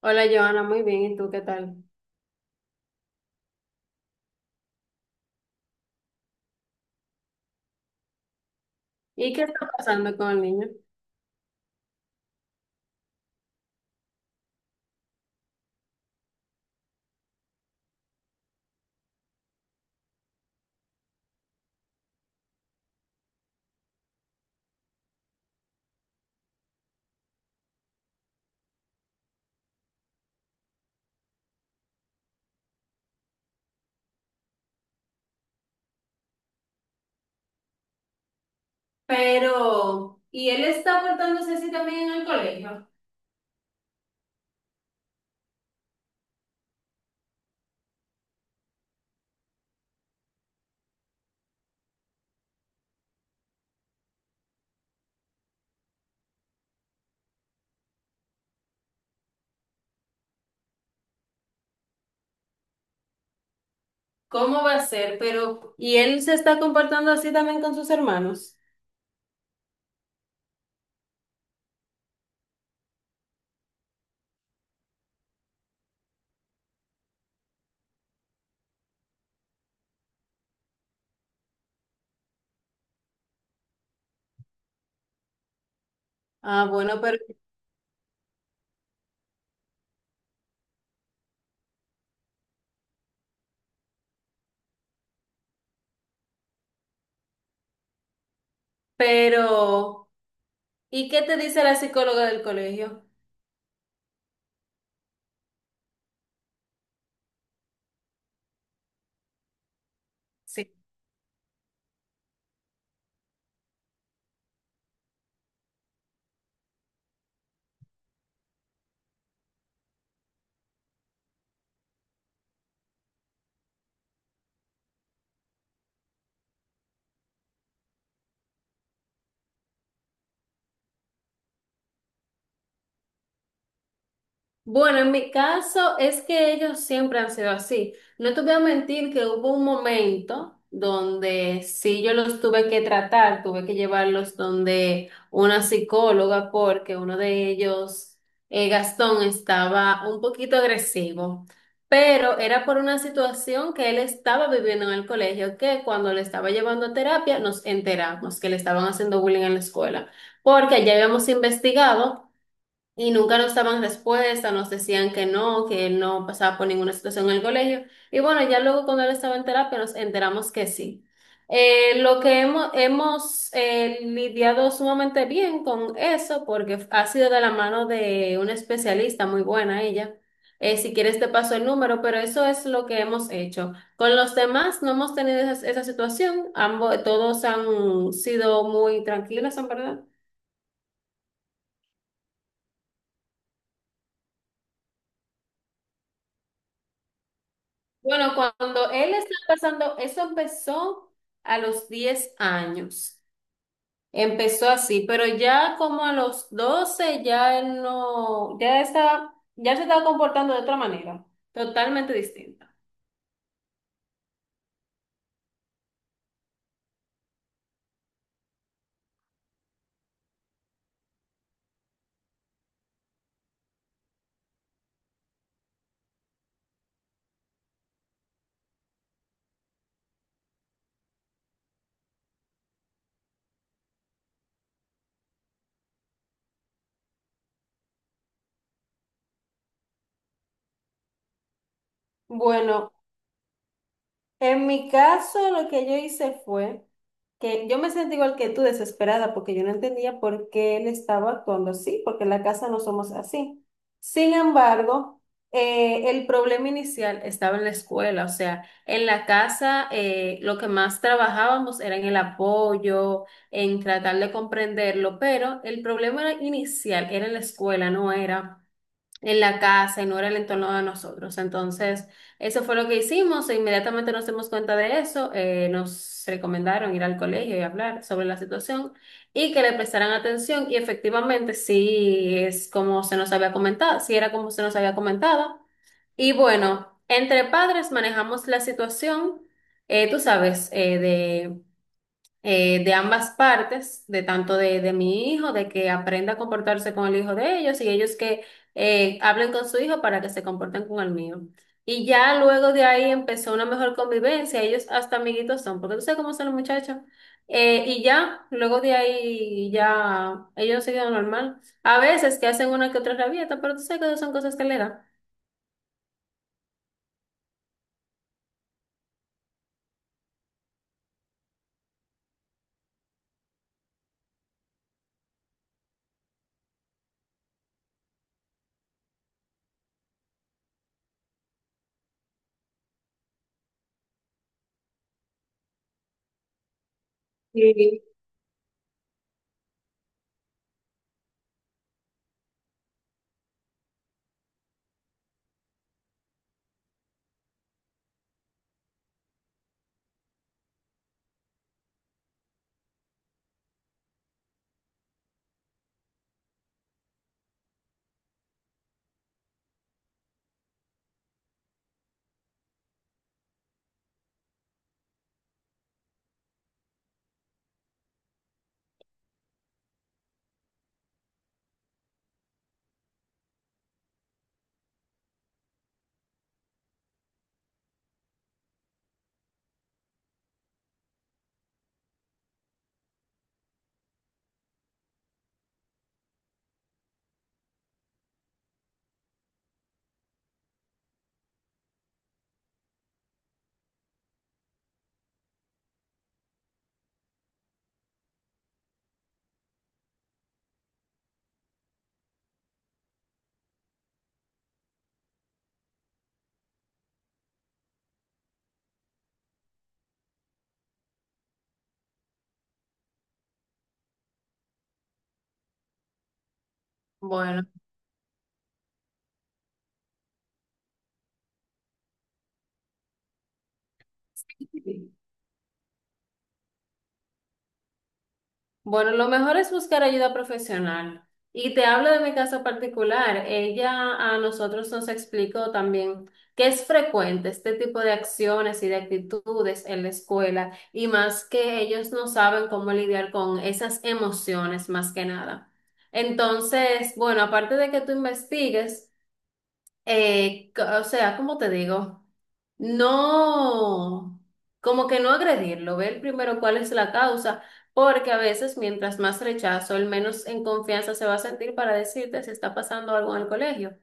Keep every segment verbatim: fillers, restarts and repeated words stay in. Hola, Joana, muy bien. ¿Y tú qué tal? ¿Y qué está pasando con el niño? Pero, ¿y él está portándose así también en el colegio? ¿Cómo va a ser? Pero, ¿y él se está comportando así también con sus hermanos? Ah, bueno, pero... Pero, ¿y qué te dice la psicóloga del colegio? Sí. Bueno, en mi caso es que ellos siempre han sido así. No te voy a mentir que hubo un momento donde sí yo los tuve que tratar, tuve que llevarlos donde una psicóloga porque uno de ellos, eh, Gastón, estaba un poquito agresivo, pero era por una situación que él estaba viviendo en el colegio, que cuando le estaba llevando a terapia nos enteramos que le estaban haciendo bullying en la escuela, porque ya habíamos investigado. Y nunca nos daban respuesta, nos decían que no, que él no pasaba por ninguna situación en el colegio. Y bueno, ya luego cuando él estaba en terapia nos enteramos que sí. Eh, lo que hemos, hemos eh, lidiado sumamente bien con eso porque ha sido de la mano de una especialista muy buena ella. Eh, si quieres te paso el número, pero eso es lo que hemos hecho. Con los demás no hemos tenido esa, esa situación. Ambos, todos han sido muy tranquilos, en verdad. Bueno, cuando él estaba pasando, eso empezó a los diez años. Empezó así, pero ya como a los doce ya él no, ya estaba, ya se estaba comportando de otra manera, totalmente distinta. Bueno, en mi caso, lo que yo hice fue que yo me sentí igual que tú, desesperada, porque yo no entendía por qué él estaba actuando así, porque en la casa no somos así. Sin embargo, eh, el problema inicial estaba en la escuela, o sea, en la casa eh, lo que más trabajábamos era en el apoyo, en tratar de comprenderlo, pero el problema era- inicial era en la escuela, no era en la casa y no era el entorno de nosotros. Entonces, eso fue lo que hicimos. E inmediatamente nos dimos cuenta de eso. Eh, nos recomendaron ir al colegio y hablar sobre la situación y que le prestaran atención. Y efectivamente, sí es como se nos había comentado, sí era como se nos había comentado. Y bueno, entre padres manejamos la situación, eh, tú sabes, eh, eh, de ambas partes, de tanto de, de mi hijo, de que aprenda a comportarse con el hijo de ellos y ellos que eh, hablen con su hijo para que se comporten con el mío. Y ya luego de ahí empezó una mejor convivencia, ellos hasta amiguitos son, porque tú sabes cómo son los muchachos. Eh, y ya, luego de ahí ya ellos siguen normal. A veces que hacen una que otra rabieta, pero tú sabes que esas son cosas que le dan. Sí. Bueno. Bueno, lo mejor es buscar ayuda profesional. Y te hablo de mi caso particular. Ella a nosotros nos explicó también que es frecuente este tipo de acciones y de actitudes en la escuela y más que ellos no saben cómo lidiar con esas emociones más que nada. Entonces, bueno, aparte de que tú investigues, eh, c- o sea, ¿cómo te digo? No, como que no agredirlo, ver primero cuál es la causa, porque a veces mientras más rechazo, el menos en confianza se va a sentir para decirte si está pasando algo en el colegio.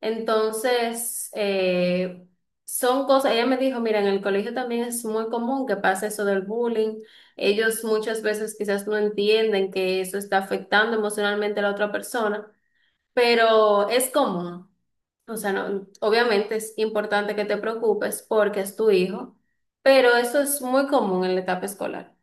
Entonces, eh, son cosas, ella me dijo, mira, en el colegio también es muy común que pase eso del bullying. Ellos muchas veces quizás no entienden que eso está afectando emocionalmente a la otra persona, pero es común. O sea, no, obviamente es importante que te preocupes porque es tu hijo, pero eso es muy común en la etapa escolar.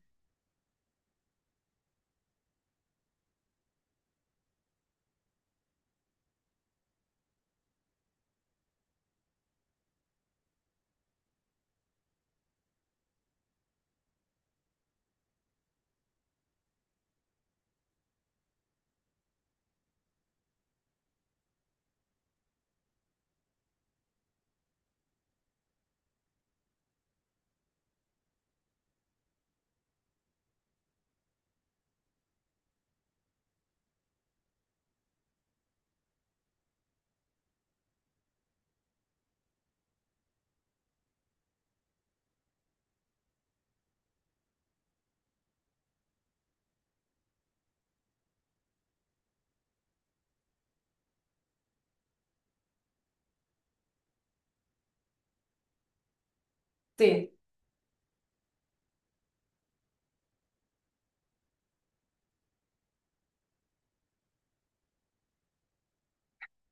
Sí,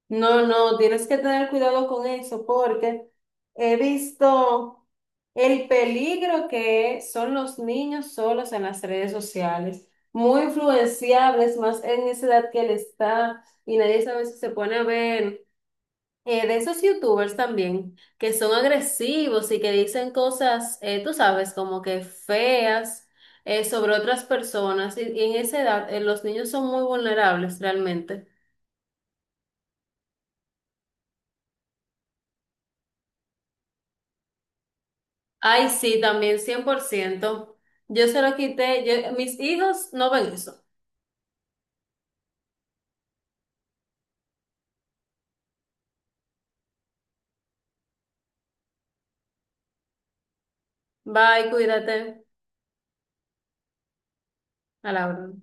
no, no, tienes que tener cuidado con eso porque he visto el peligro que son los niños solos en las redes sociales, muy influenciables más en esa edad que él está y nadie sabe si se pone a ver. Eh, de esos youtubers también, que son agresivos y que dicen cosas, eh, tú sabes, como que feas eh, sobre otras personas. Y, y en esa edad, eh, los niños son muy vulnerables realmente. Ay, sí, también cien por ciento. Yo se lo quité. Yo- mis hijos no ven eso. Bye, cuídate. A la orden.